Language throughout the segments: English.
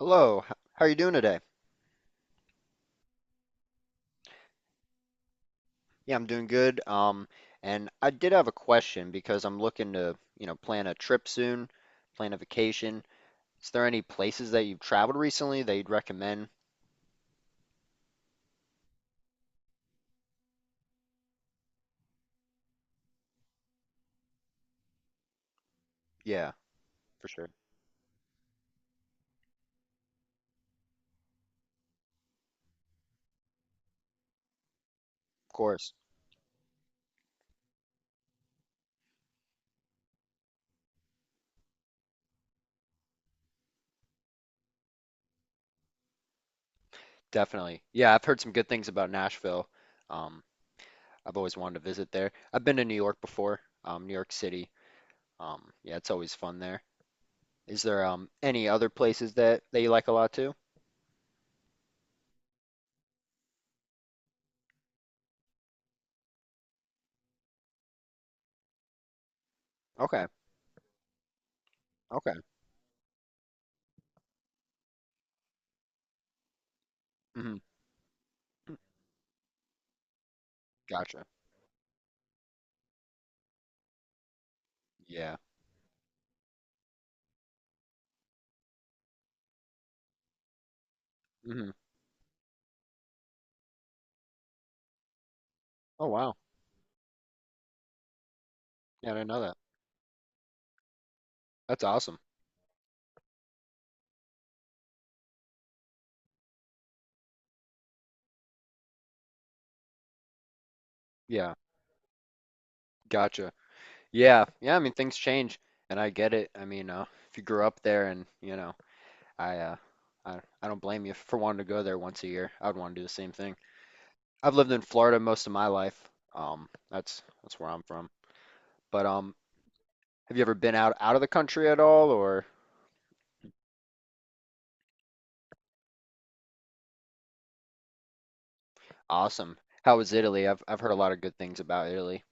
Hello, how are you doing today? Yeah, I'm doing good. And I did have a question because I'm looking to, you know, plan a trip soon, plan a vacation. Is there any places that you've traveled recently that you'd recommend? Yeah, for sure. Of course. Definitely. Yeah, I've heard some good things about Nashville. Um, I've always wanted to visit there. I've been to New York before, New York City. Yeah, it's always fun there. Is there any other places that you like a lot too? Okay. Okay. Hmm. Gotcha. Yeah. Hmm. Oh, wow. Yeah, I didn't know that. That's awesome. Yeah, gotcha. Yeah, yeah. I mean, things change, and I get it. I mean, if you grew up there, and you know, I, uh, I don't blame you for wanting to go there once a year. I would want to do the same thing. I've lived in Florida most of my life. That's where I'm from. But have you ever been out of the country at all, or? Awesome. How was Italy? I've heard a lot of good things about Italy.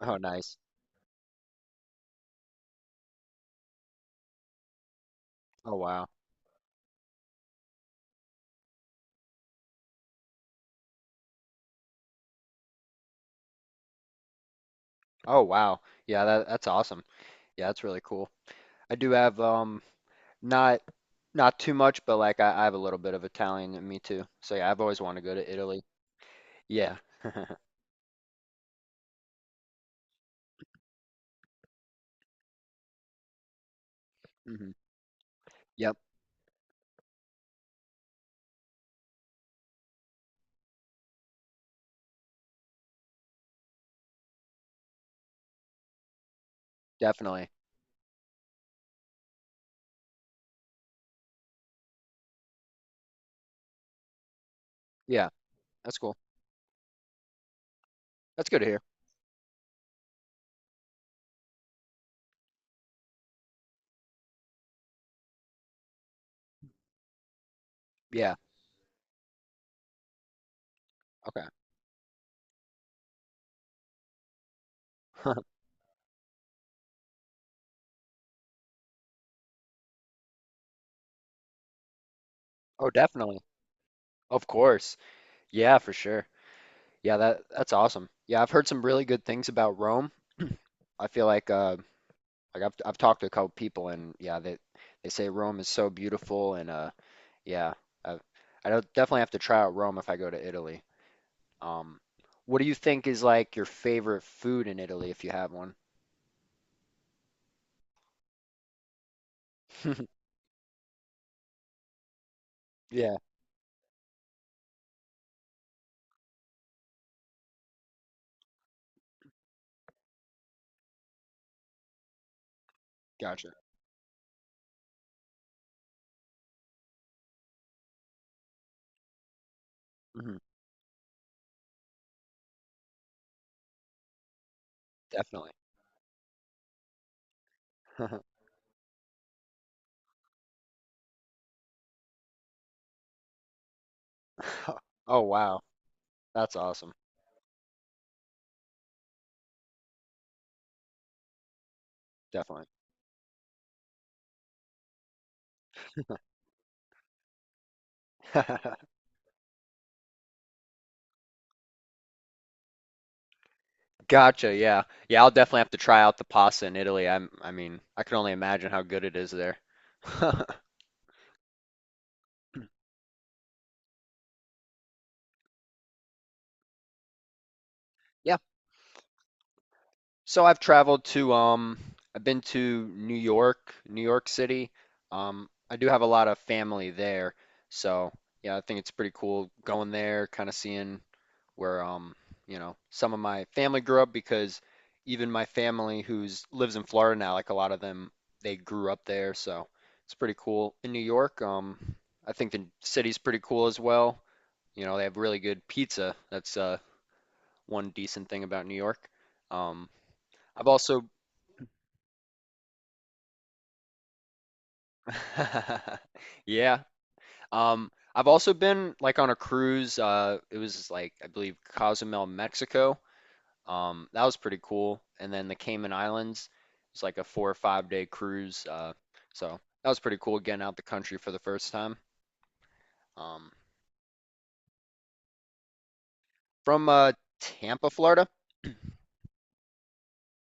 Oh, nice. Oh, wow. Oh, wow. Yeah, that's awesome. Yeah, that's really cool. I do have not not too much, but like I have a little bit of Italian in me too. So yeah, I've always wanted to go to Italy. Yeah. Hmm. Yep, definitely. Yeah, that's cool. That's good to hear. Yeah. Okay. Oh, definitely. Of course. Yeah, for sure. Yeah, that's awesome. Yeah, I've heard some really good things about Rome. I feel like like I've talked to a couple people and yeah, they say Rome is so beautiful and yeah, I I don't definitely have to try out Rome if I go to Italy. Um, what do you think is like your favorite food in Italy if you have one? Yeah, gotcha. Hmm. Definitely. Oh wow, that's awesome. Definitely. Gotcha. Yeah. Yeah, I'll definitely have to try out the pasta in Italy. I mean, I can only imagine how good it is there. Yeah. So I've traveled to I've been to New York, New York City. I do have a lot of family there. So, yeah, I think it's pretty cool going there, kind of seeing where you know, some of my family grew up because even my family who's lives in Florida now, like a lot of them, they grew up there, so it's pretty cool. In New York, I think the city's pretty cool as well. You know, they have really good pizza. That's one decent thing about New York. Um, I've also yeah. I've also been like on a cruise. It was like I believe Cozumel, Mexico. That was pretty cool. And then the Cayman Islands, it's like a 4 or 5 day cruise. So that was pretty cool getting out the country for the first time. Um, from Tampa, Florida.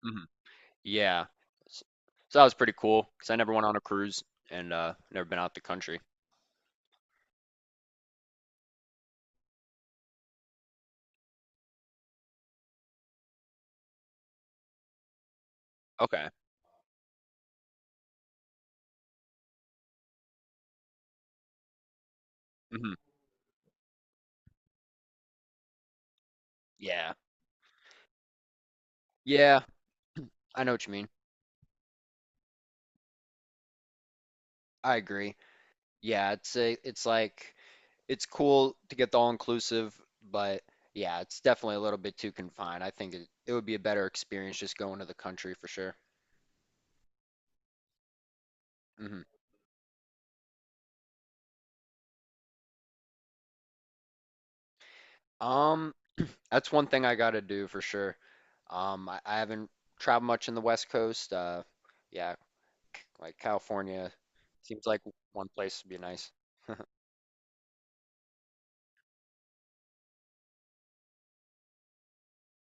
Hmm. Yeah. S- So that was pretty cool because I never went on a cruise and never been out the country. Okay. Hmm. Yeah. Yeah, I know what you mean. I agree. Yeah, it's like it's cool to get the all inclusive, but yeah, it's definitely a little bit too confined. I think it would be a better experience just going to the country for sure. Hmm. Um, that's one thing I gotta do for sure. I haven't traveled much in the West Coast. Yeah, like California seems like one place would be nice.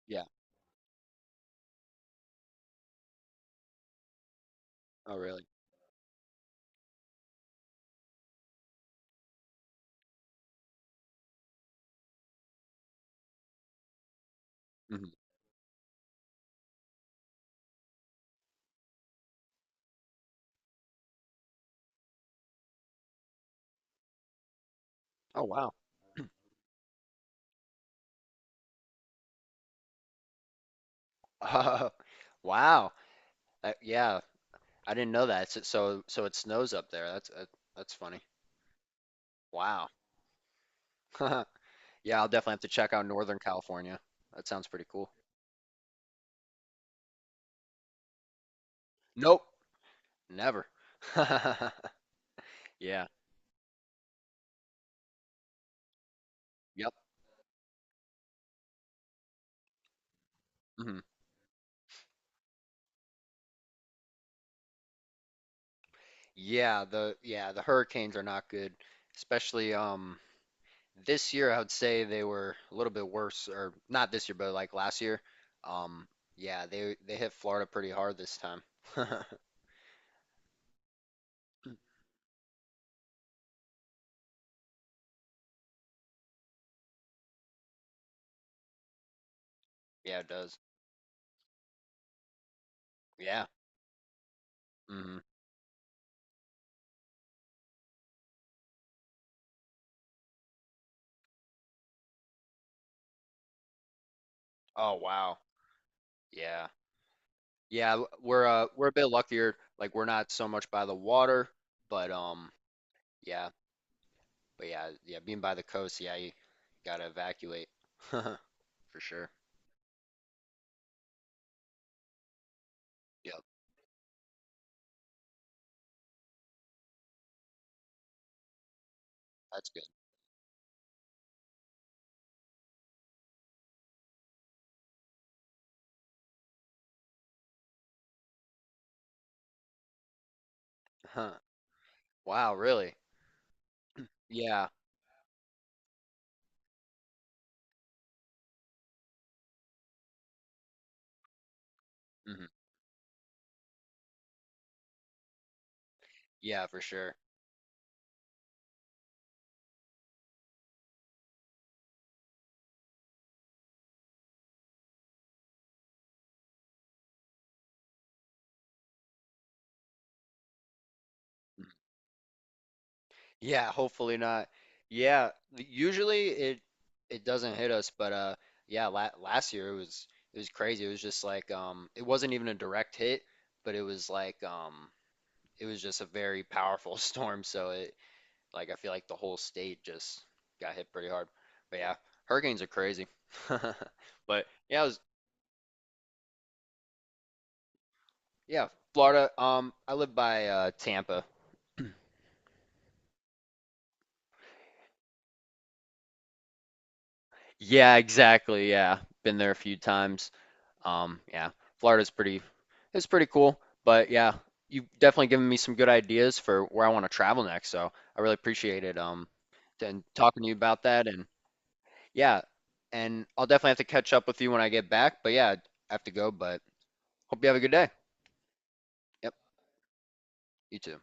Yeah. Oh, really? Hmm. Oh, wow. wow. Yeah, I didn't know that. So it snows up there. That's funny. Wow. Yeah, I'll definitely have to check out Northern California. That sounds pretty cool. Nope, never. Yeah. Yep. Hmm. Yeah, the hurricanes are not good. Especially this year I would say they were a little bit worse or not this year, but like last year. Um yeah, they hit Florida pretty hard this time. Yeah, it does. Yeah. Hmm. Oh, wow. Yeah. Yeah, we're a bit luckier. Like we're not so much by the water, but yeah, but yeah, yeah, being by the coast, yeah, you gotta evacuate for sure. Yep, that's good. Huh. Wow, really? Yeah. Hmm. Yeah, for sure. Mhm. Yeah, hopefully not. Yeah, usually it doesn't hit us, but yeah, la last year it was crazy. It was just like it wasn't even a direct hit, but it was like it was just a very powerful storm, so it, like I feel like the whole state just got hit pretty hard. But yeah, hurricanes are crazy. But yeah, it was yeah, Florida. I live by Tampa. Yeah, exactly. Yeah. Been there a few times. Yeah. Florida's pretty it's pretty cool. But yeah, you've definitely given me some good ideas for where I want to travel next. So I really appreciate it. And talking to you about that and yeah, and I'll definitely have to catch up with you when I get back. But yeah, I have to go, but hope you have a good day. Yep, you too.